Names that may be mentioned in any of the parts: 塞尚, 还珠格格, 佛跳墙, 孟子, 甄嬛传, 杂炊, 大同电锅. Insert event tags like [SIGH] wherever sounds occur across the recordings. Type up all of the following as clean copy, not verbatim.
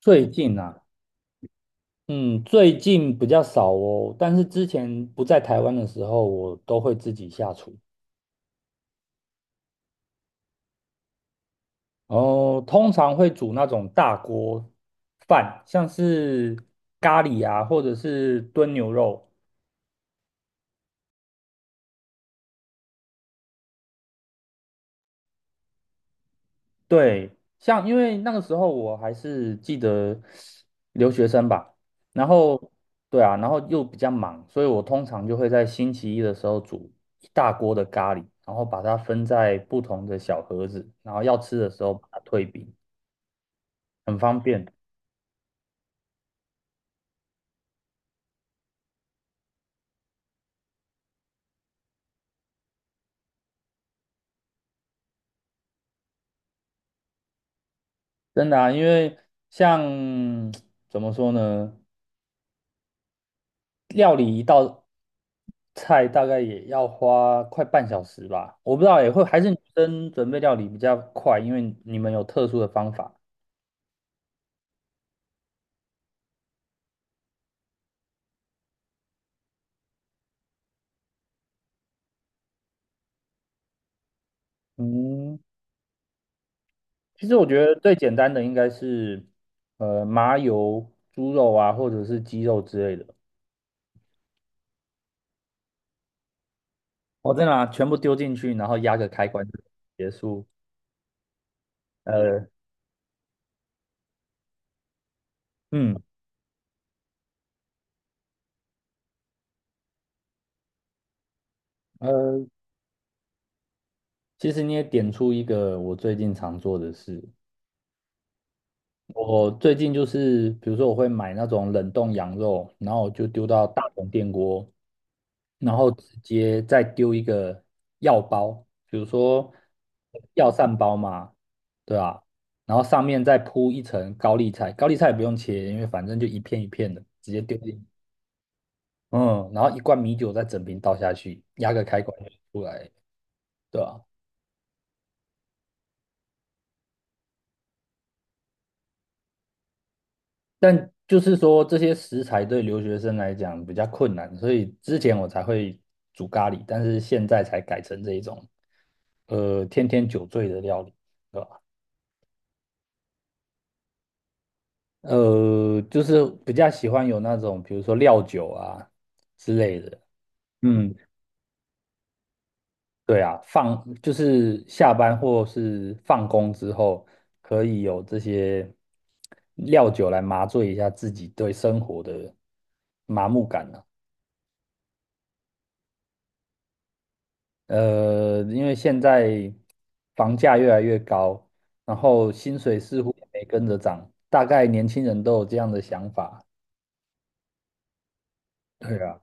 最近啊，嗯，最近比较少哦，但是之前不在台湾的时候，我都会自己下厨。然后通常会煮那种大锅饭，像是咖喱啊，或者是炖牛肉。对，像因为那个时候我还是记得留学生吧，然后对啊，然后又比较忙，所以我通常就会在星期一的时候煮一大锅的咖喱，然后把它分在不同的小盒子，然后要吃的时候把它退冰，很方便，真的啊，因为像 [TSK] 怎么说呢？料理一道菜大概也要花快半小时吧，我不知道也会还是女生准备料理比较快，因为你们有特殊的方法。嗯，其实我觉得最简单的应该是麻油猪肉啊，或者是鸡肉之类的，我再把全部丢进去，然后压个开关就结束。呃，嗯，呃，其实你也点出一个我最近常做的事，我最近就是，比如说我会买那种冷冻羊肉，然后就丢到大同电锅，然后直接再丢一个药包，比如说药膳包嘛，对吧？然后上面再铺一层高丽菜，高丽菜也不用切，因为反正就一片一片的，直接丢进去嗯，然后一罐米酒再整瓶倒下去，压个开关就出来，对吧？但就是说这些食材对留学生来讲比较困难，所以之前我才会煮咖喱，但是现在才改成这一种，呃，天天酒醉的料理，对吧？就是比较喜欢有那种，比如说料酒啊之类的。嗯，对啊，放就是下班或是放工之后，可以有这些料酒来麻醉一下自己对生活的麻木感啊。因为现在房价越来越高，然后薪水似乎也没跟着涨，大概年轻人都有这样的想法。对啊，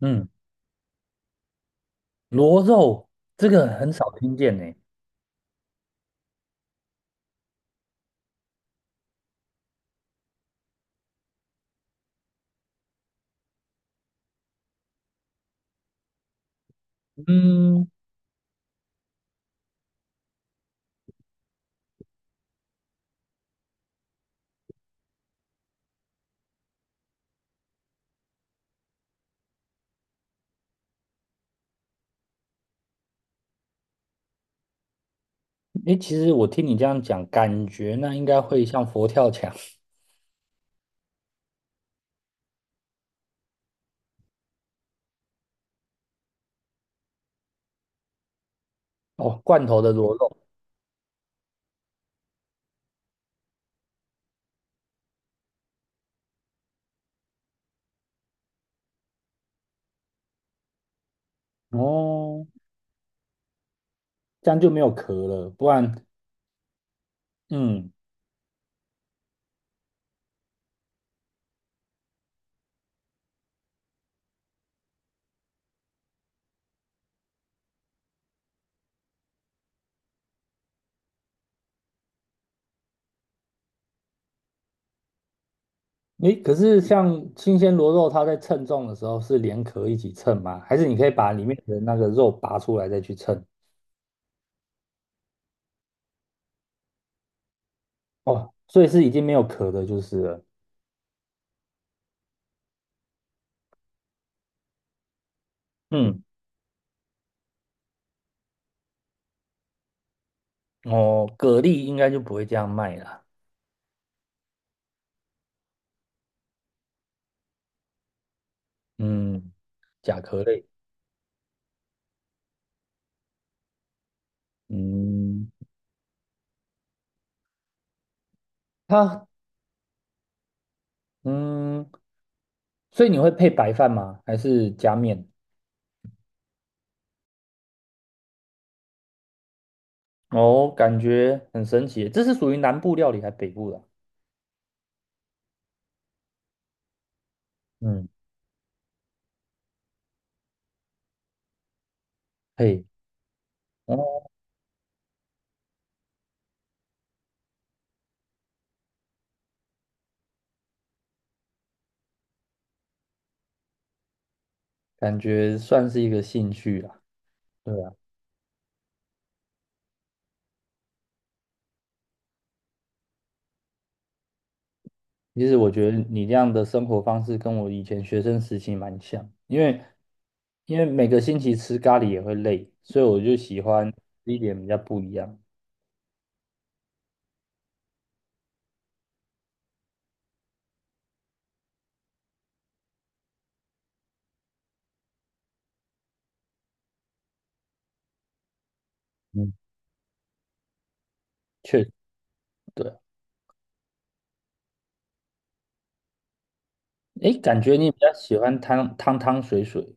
嗯，螺肉这个很少听见呢。嗯，诶，其实我听你这样讲，感觉那应该会像佛跳墙。 [LAUGHS] 哦，罐头的螺肉。哦，这样就没有壳了，不然，嗯，诶，可是像新鲜螺肉，它在称重的时候是连壳一起称吗？还是你可以把里面的那个肉拔出来再去称？哦，所以是已经没有壳的，就是了。嗯，哦，蛤蜊应该就不会这样卖了。嗯，甲壳类。嗯，它嗯，所以你会配白饭吗？还是加面？哦，感觉很神奇耶，这是属于南部料理还是北部的啊？嗯，嘿，哦，感觉算是一个兴趣啦。对啊，其实我觉得你这样的生活方式跟我以前学生时期蛮像，因为每个星期吃咖喱也会累，所以我就喜欢吃一点比较不一样。嗯，确实，对，诶，感觉你比较喜欢汤汤汤水水，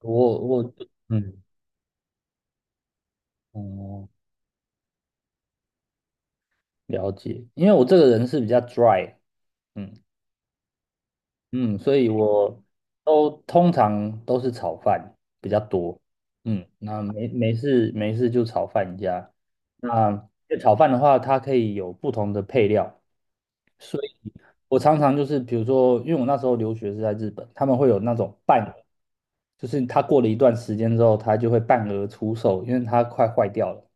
我嗯，哦、了解，因为我这个人是比较 dry，嗯，嗯，所以我都通常都是炒饭比较多。嗯，那没事没事就炒饭加。那因为炒饭的话，它可以有不同的配料，所以我常常就是比如说，因为我那时候留学是在日本，他们会有那种半额，就是它过了一段时间之后，它就会半额出售，因为它快坏掉了。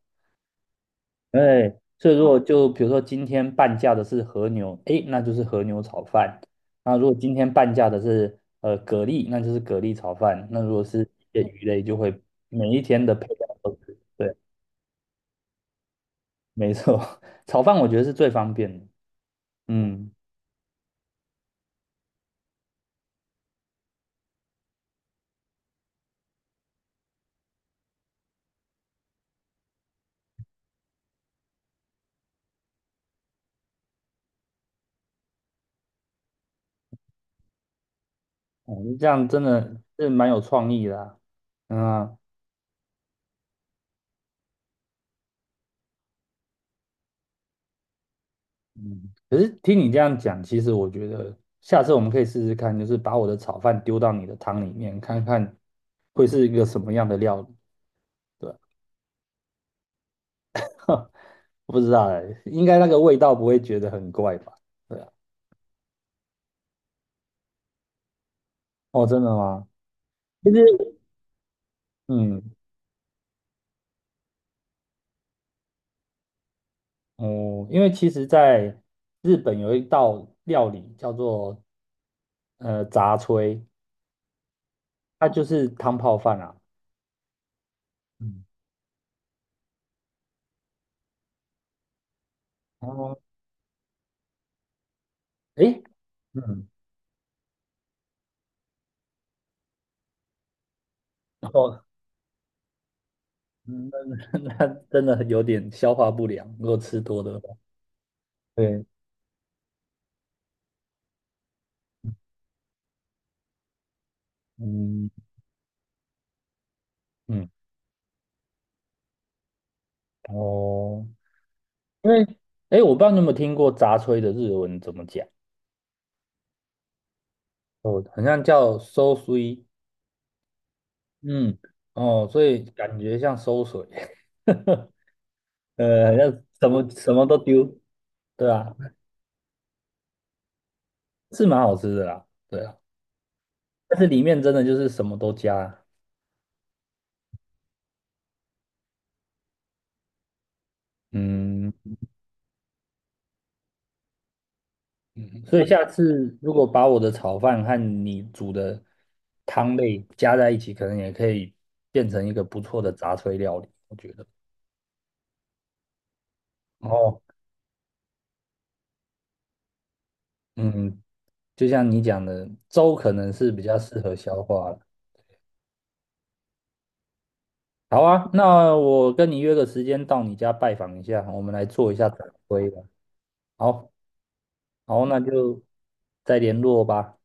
哎，所以如果就比如说今天半价的是和牛，哎，那就是和牛炒饭。那如果今天半价的是蛤蜊，那就是蛤蜊炒饭。那如果是一些鱼类，就会每一天的配料都是对，没错。[LAUGHS] 炒饭我觉得是最方便的。嗯，哦，这样真的是蛮有创意的啊。嗯啊，嗯，可是听你这样讲，其实我觉得下次我们可以试试看，就是把我的炒饭丢到你的汤里面，看看会是一个什么样的料理。对啊， [LAUGHS] 我不知道哎，应该那个味道不会觉得很怪吧？对啊，哦，真的吗？其实，嗯，哦，因为其实在日本有一道料理叫做杂炊，它就是汤泡饭啊。嗯，哦，诶，嗯，然后嗯那 [LAUGHS] 那真的有点消化不良，如果吃多的话。对，嗯嗯，哦，因为诶，我不知道你有没有听过杂炊的日文怎么讲。哦，好像叫 sosu。 嗯，哦，所以感觉像馊水，[LAUGHS] 好像什么什么都丢，对啊，是蛮好吃的啦，对啊，但是里面真的就是什么都加，嗯，所以下次如果把我的炒饭和你煮的汤类加在一起，可能也可以变成一个不错的杂炊料理，我觉得。哦，嗯，就像你讲的，粥可能是比较适合消化的。好啊，那我跟你约个时间到你家拜访一下，我们来做一下展规吧。好，好，那就再联络吧。